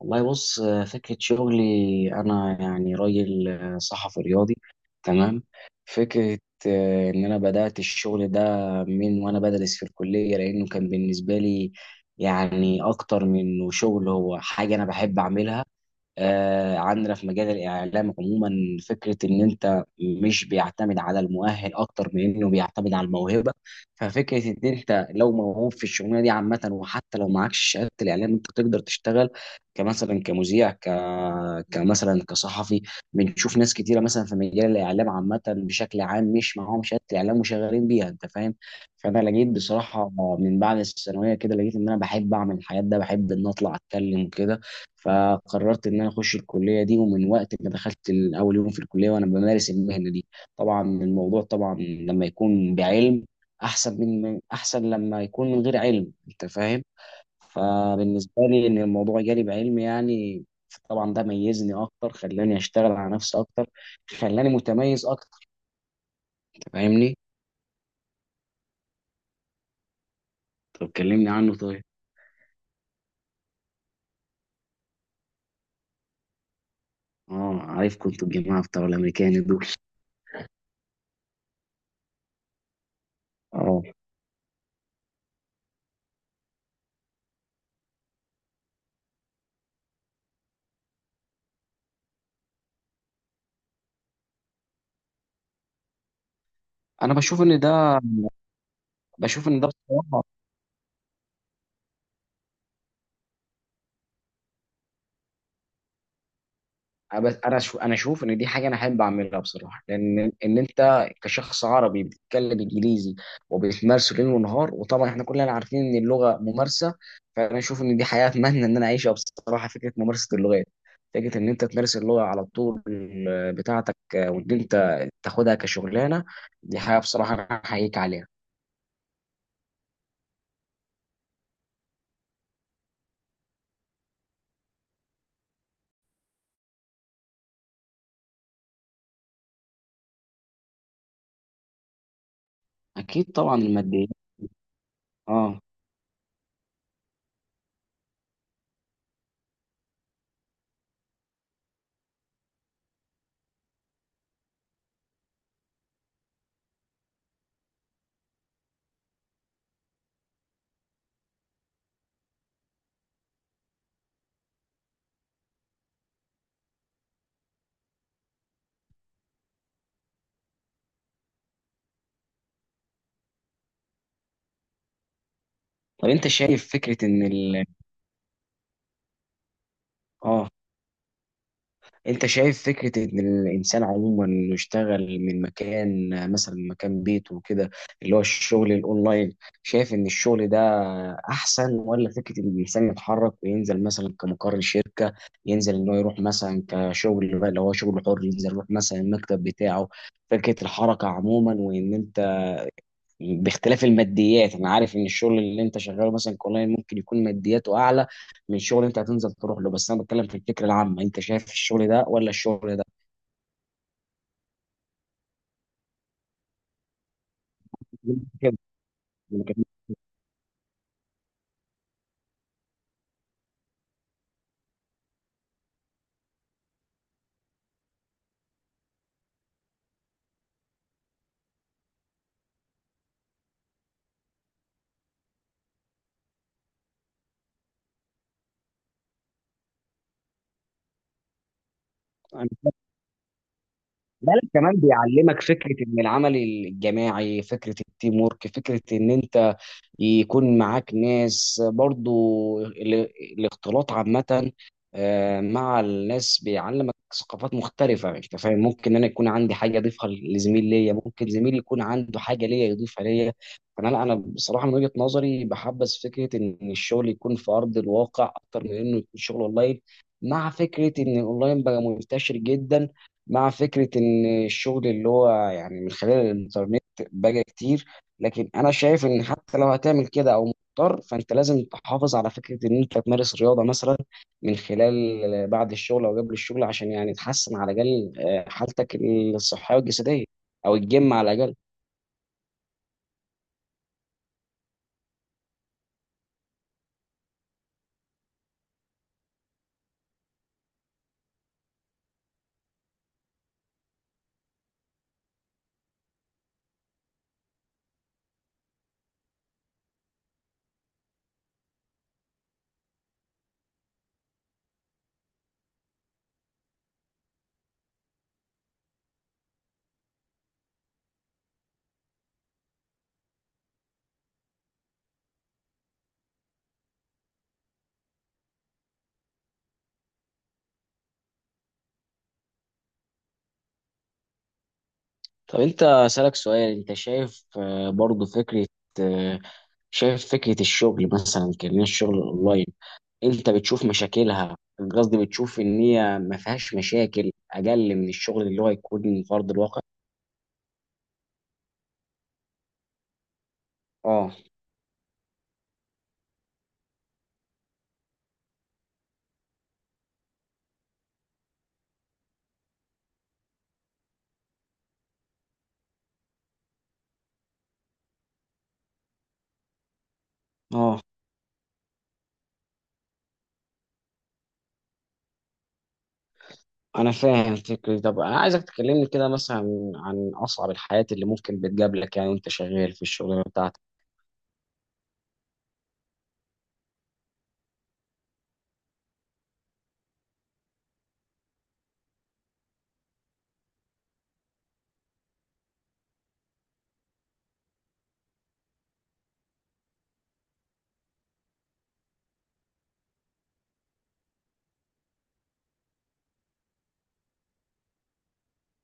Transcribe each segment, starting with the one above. والله بص، فكرة شغلي. أنا يعني راجل صحفي رياضي. تمام. فكرة إن أنا بدأت الشغل ده من وأنا بدرس في الكلية، لأنه كان بالنسبة لي يعني أكتر من إنه شغل، هو حاجة أنا بحب أعملها. عندنا في مجال الإعلام عموما فكرة إن أنت مش بيعتمد على المؤهل أكتر من إنه بيعتمد على الموهبة. ففكرة إن أنت لو موهوب في الشغلانة دي عامة، وحتى لو معكش شهادة الإعلام أنت تقدر تشتغل، كمثلا كمذيع، كمثلا كصحفي. بنشوف ناس كتيرة مثلا في مجال الإعلام عامة بشكل عام مش معاهم شهادة الإعلام وشغالين بيها، أنت فاهم. فأنا لقيت بصراحة من بعد الثانوية كده، لقيت إن أنا بحب أعمل الحاجات ده، بحب إن أطلع أتكلم كده. فقررت ان انا اخش الكليه دي، ومن وقت ما دخلت اول يوم في الكليه وانا بمارس المهنه دي. طبعا الموضوع، طبعا لما يكون بعلم احسن احسن لما يكون من غير علم، انت فاهم. فبالنسبه لي ان الموضوع جالي بعلم يعني. طبعا ده ميزني اكتر، خلاني اشتغل على نفسي اكتر، خلاني متميز اكتر. أنت فاهمني؟ طب كلمني عنه طيب. اه، عارف كنت الجماعه بتوع الامريكان دول. اه. انا بشوف ان ده بصراحه. بس انا شو انا اشوف ان دي حاجه انا احب اعملها بصراحه، لان ان انت كشخص عربي بتتكلم انجليزي وبتمارسه ليل ونهار، وطبعا احنا كلنا عارفين ان اللغه ممارسه. فانا اشوف ان دي حياه اتمنى ان انا اعيشها بصراحه، فكره ممارسه اللغات، فكره ان انت تمارس اللغه على طول بتاعتك، وان انت تاخدها كشغلانه. دي حاجه بصراحه انا احييك عليها. اكيد طبعا الماديه. اه. طب انت شايف فكره ان اه، انت شايف فكرة ان الانسان عموما انه يشتغل من مكان، مثلا من مكان بيته وكده، اللي هو الشغل الاونلاين، شايف ان الشغل ده احسن ولا فكرة ان الانسان يتحرك وينزل مثلا كمقر شركة، ينزل ان هو يروح مثلا كشغل بقى اللي هو شغل حر، ينزل يروح مثلا المكتب بتاعه؟ فكرة الحركة عموما وان انت، باختلاف الماديات انا عارف ان الشغل اللي انت شغاله مثلا كونلاين ممكن يكون مادياته اعلى من شغل انت هتنزل تروح له، بس انا بتكلم في الفكره العامه، انت شايف الشغل ده ولا الشغل ده؟ كده. لا، لا، كمان بيعلمك فكره ان العمل الجماعي، فكره التيم ورك، فكره ان انت يكون معاك ناس برضو، ال- الاختلاط عامة، مع الناس بيعلمك ثقافات مختلفة، انت فاهم. ممكن انا يكون عندي حاجة اضيفها لزميل ليا، ممكن زميلي يكون عنده حاجة ليا يضيفها ليا. فانا لا، انا بصراحة من وجهة نظري بحبذ فكرة ان الشغل يكون في ارض الواقع اكتر من انه يكون شغل اونلاين، مع فكرة ان الاونلاين بقى منتشر جدا، مع فكرة ان الشغل اللي هو يعني من خلال الانترنت بقى كتير. لكن انا شايف ان حتى لو هتعمل كده او مضطر، فانت لازم تحافظ على فكره ان انت تمارس رياضه مثلا، من خلال بعد الشغل او قبل الشغل، عشان يعني تحسن على الاقل حالتك الصحيه والجسديه، او الجيم على الاقل. طب انت اسالك سؤال، انت شايف برضو فكره، آه، شايف فكره الشغل مثلا كان الشغل الاونلاين، انت بتشوف مشاكلها؟ قصدي بتشوف ان هي ما فيهاش مشاكل اقل من الشغل اللي هو يكون فرض الواقع؟ اه. اه، انا فاهم فكرة. طب انا عايزك تكلمني كده مثلا عن اصعب الحالات اللي ممكن بتقابلك، يعني وانت شغال في الشغلانه بتاعتك.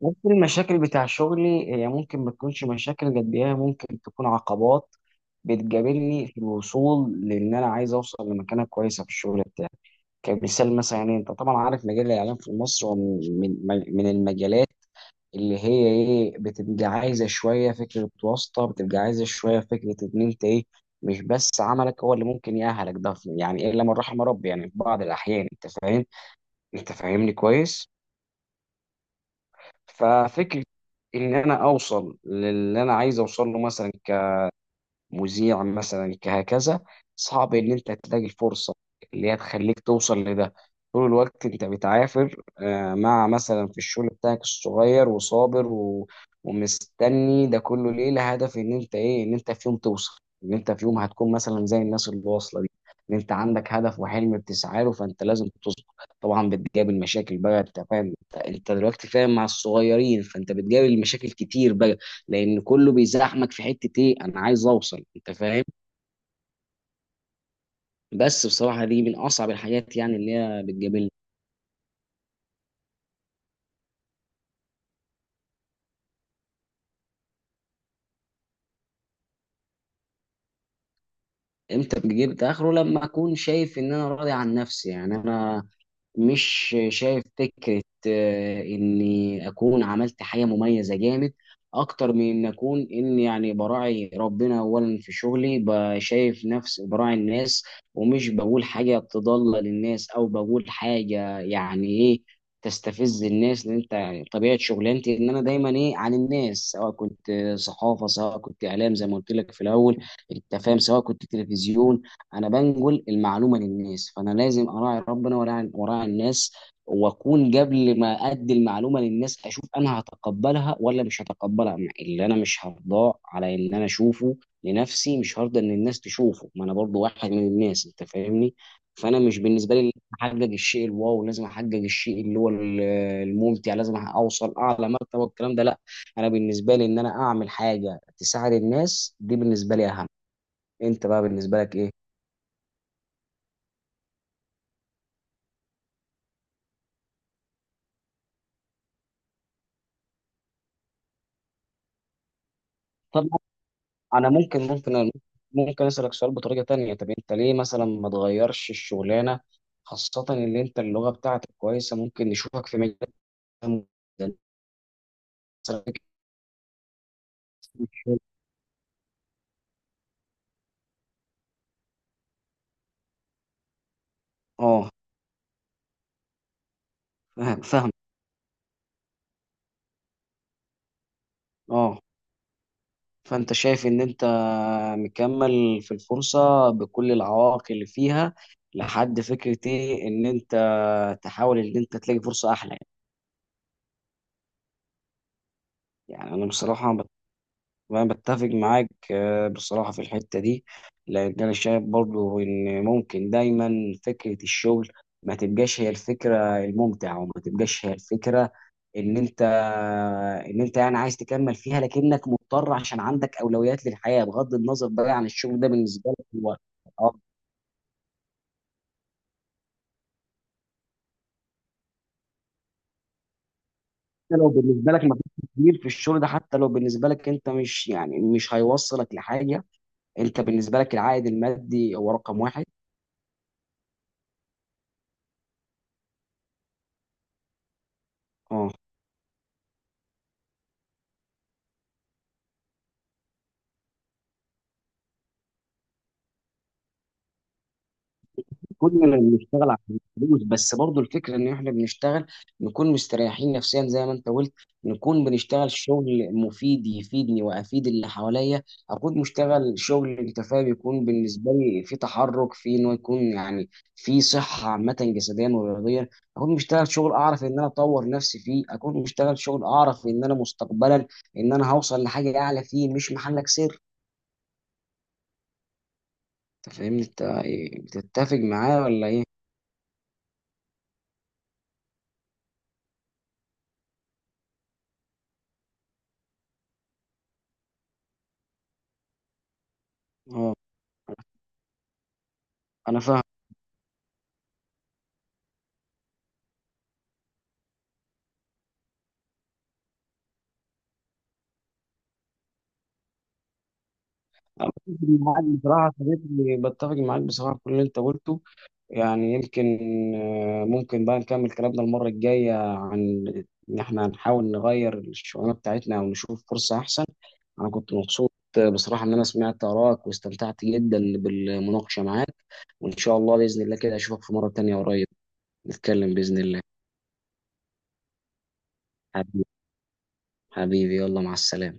ممكن المشاكل بتاع شغلي هي ممكن ما تكونش مشاكل قد ايه، هي ممكن تكون عقبات بتقابلني في الوصول، لان انا عايز اوصل لمكانه كويسه في الشغل بتاعي. كمثال مثلا، يعني انت طبعا عارف مجال الاعلام في مصر هو من المجالات اللي هي ايه، بتبقى عايزه شويه فكره واسطه، بتبقى عايزه شويه فكره ان انت ايه، مش بس عملك هو اللي ممكن يأهلك ده، يعني إيه الا من رحم ربي يعني، في بعض الاحيان، انت فاهم. انت فاهمني كويس. ففكره ان انا اوصل للي انا عايز اوصل له، مثلا مذيع مثلا كهكذا، صعب ان انت تلاقي الفرصه اللي هي تخليك توصل لده. طول الوقت انت بتعافر مع مثلا في الشغل بتاعك الصغير، وصابر ومستني ده كله ليه، لهدف ان انت ايه، ان انت في يوم توصل، ان انت في يوم هتكون مثلا زي الناس اللي واصله دي، ان انت عندك هدف وحلم بتسعى له، فانت لازم تصبر. طبعا بتقابل مشاكل بقى، انت فاهم. انت دلوقتي فاهم مع الصغيرين، فانت بتقابل مشاكل كتير بقى، لان كله بيزحمك في حته ايه، انا عايز اوصل، انت فاهم. بس بصراحه دي من اصعب الحاجات يعني اللي هي بتقابلني. امتى بجيب اخره؟ لما اكون شايف ان انا راضي عن نفسي. يعني انا مش شايف فكرة إني أكون عملت حاجة مميزة جامد أكتر من إن أكون، إن يعني براعي ربنا أولا في شغلي، بشايف نفس براعي الناس، ومش بقول حاجة تضل للناس، أو بقول حاجة يعني إيه تستفز الناس. لأن أنت يعني طبيعة شغلانتي إن أنا دايما إيه عن الناس، سواء كنت صحافة، سواء كنت إعلام زي ما قلت لك في الأول، أنت فاهم، سواء كنت تلفزيون. انا بنقل المعلومه للناس، فانا لازم اراعي ربنا، وراعي الناس. واكون قبل ما ادي المعلومه للناس اشوف انا هتقبلها ولا مش هتقبلها. اللي انا مش هرضاه على ان انا اشوفه لنفسي، مش هرضى ان الناس تشوفه، ما انا برضو واحد من الناس، انت فاهمني. فانا مش بالنسبه لي لازم احقق الشيء الواو، لازم احقق الشيء اللي هو الممتع، لازم اوصل اعلى مرتبه والكلام ده، لا. انا بالنسبه لي ان انا اعمل حاجه تساعد الناس، دي بالنسبه لي اهم. انت بقى بالنسبه لك ايه؟ انا ممكن، ممكن اسالك سؤال بطريقه تانية، طب انت ليه مثلا ما تغيرش الشغلانه، خاصه ان انت اللغه بتاعتك كويسه، ممكن نشوفك في مجال أهم جداً. مثلاً. اه، فاهم فاهم. اه. فانت شايف ان انت مكمل في الفرصه بكل العوائق اللي فيها، لحد فكرة ايه ان انت تحاول ان انت تلاقي فرصه احلى يعني. يعني انا بصراحه، وانا بتفق معاك بصراحة في الحتة دي، لأن أنا شايف برضو إن ممكن دايما فكرة الشغل ما تبقاش هي الفكرة الممتعة، وما تبقاش هي الفكرة، إن أنت إن أنت يعني عايز تكمل فيها لكنك مضطر عشان عندك أولويات للحياة، بغض النظر بقى عن الشغل ده بالنسبة لك هو. أو حتى لو بالنسبة لك ما فيش كبير في الشغل ده، حتى لو بالنسبة لك أنت مش، يعني مش هيوصلك لحاجة، أنت بالنسبة لك العائد المادي هو رقم واحد. اه. كلنا بنشتغل عشان الفلوس، بس برضو الفكره ان احنا بنشتغل نكون مستريحين نفسيا زي ما انت قلت، نكون بنشتغل شغل مفيد يفيدني وافيد اللي حواليا، اكون مشتغل شغل، انت فاهم، يكون بالنسبه لي في تحرك، في انه يكون يعني في صحه عامه جسديا ورياضيا، اكون مشتغل شغل اعرف ان انا اطور نفسي فيه، اكون مشتغل شغل اعرف ان انا مستقبلا ان انا هوصل لحاجه اعلى فيه، مش محلك سر. انت فاهمني، انت إيه، بتتفق معايا ولا ايه؟ اه، انا فاهم. أنا بتفق معاك بصراحة يا صديقي، بتفق معاك بصراحة في كل اللي أنت قلته. يعني يمكن ممكن بقى نكمل كلامنا المرة الجاية عن إن إحنا هنحاول نغير الشغلانة بتاعتنا أو نشوف فرصة أحسن. أنا كنت مبسوط بصراحة إن أنا سمعت آرائك واستمتعت جدا بالمناقشة معاك، وإن شاء الله بإذن الله كده أشوفك في مرة تانية قريب، نتكلم بإذن الله. حبيبي، حبيبي، يلا مع السلامة.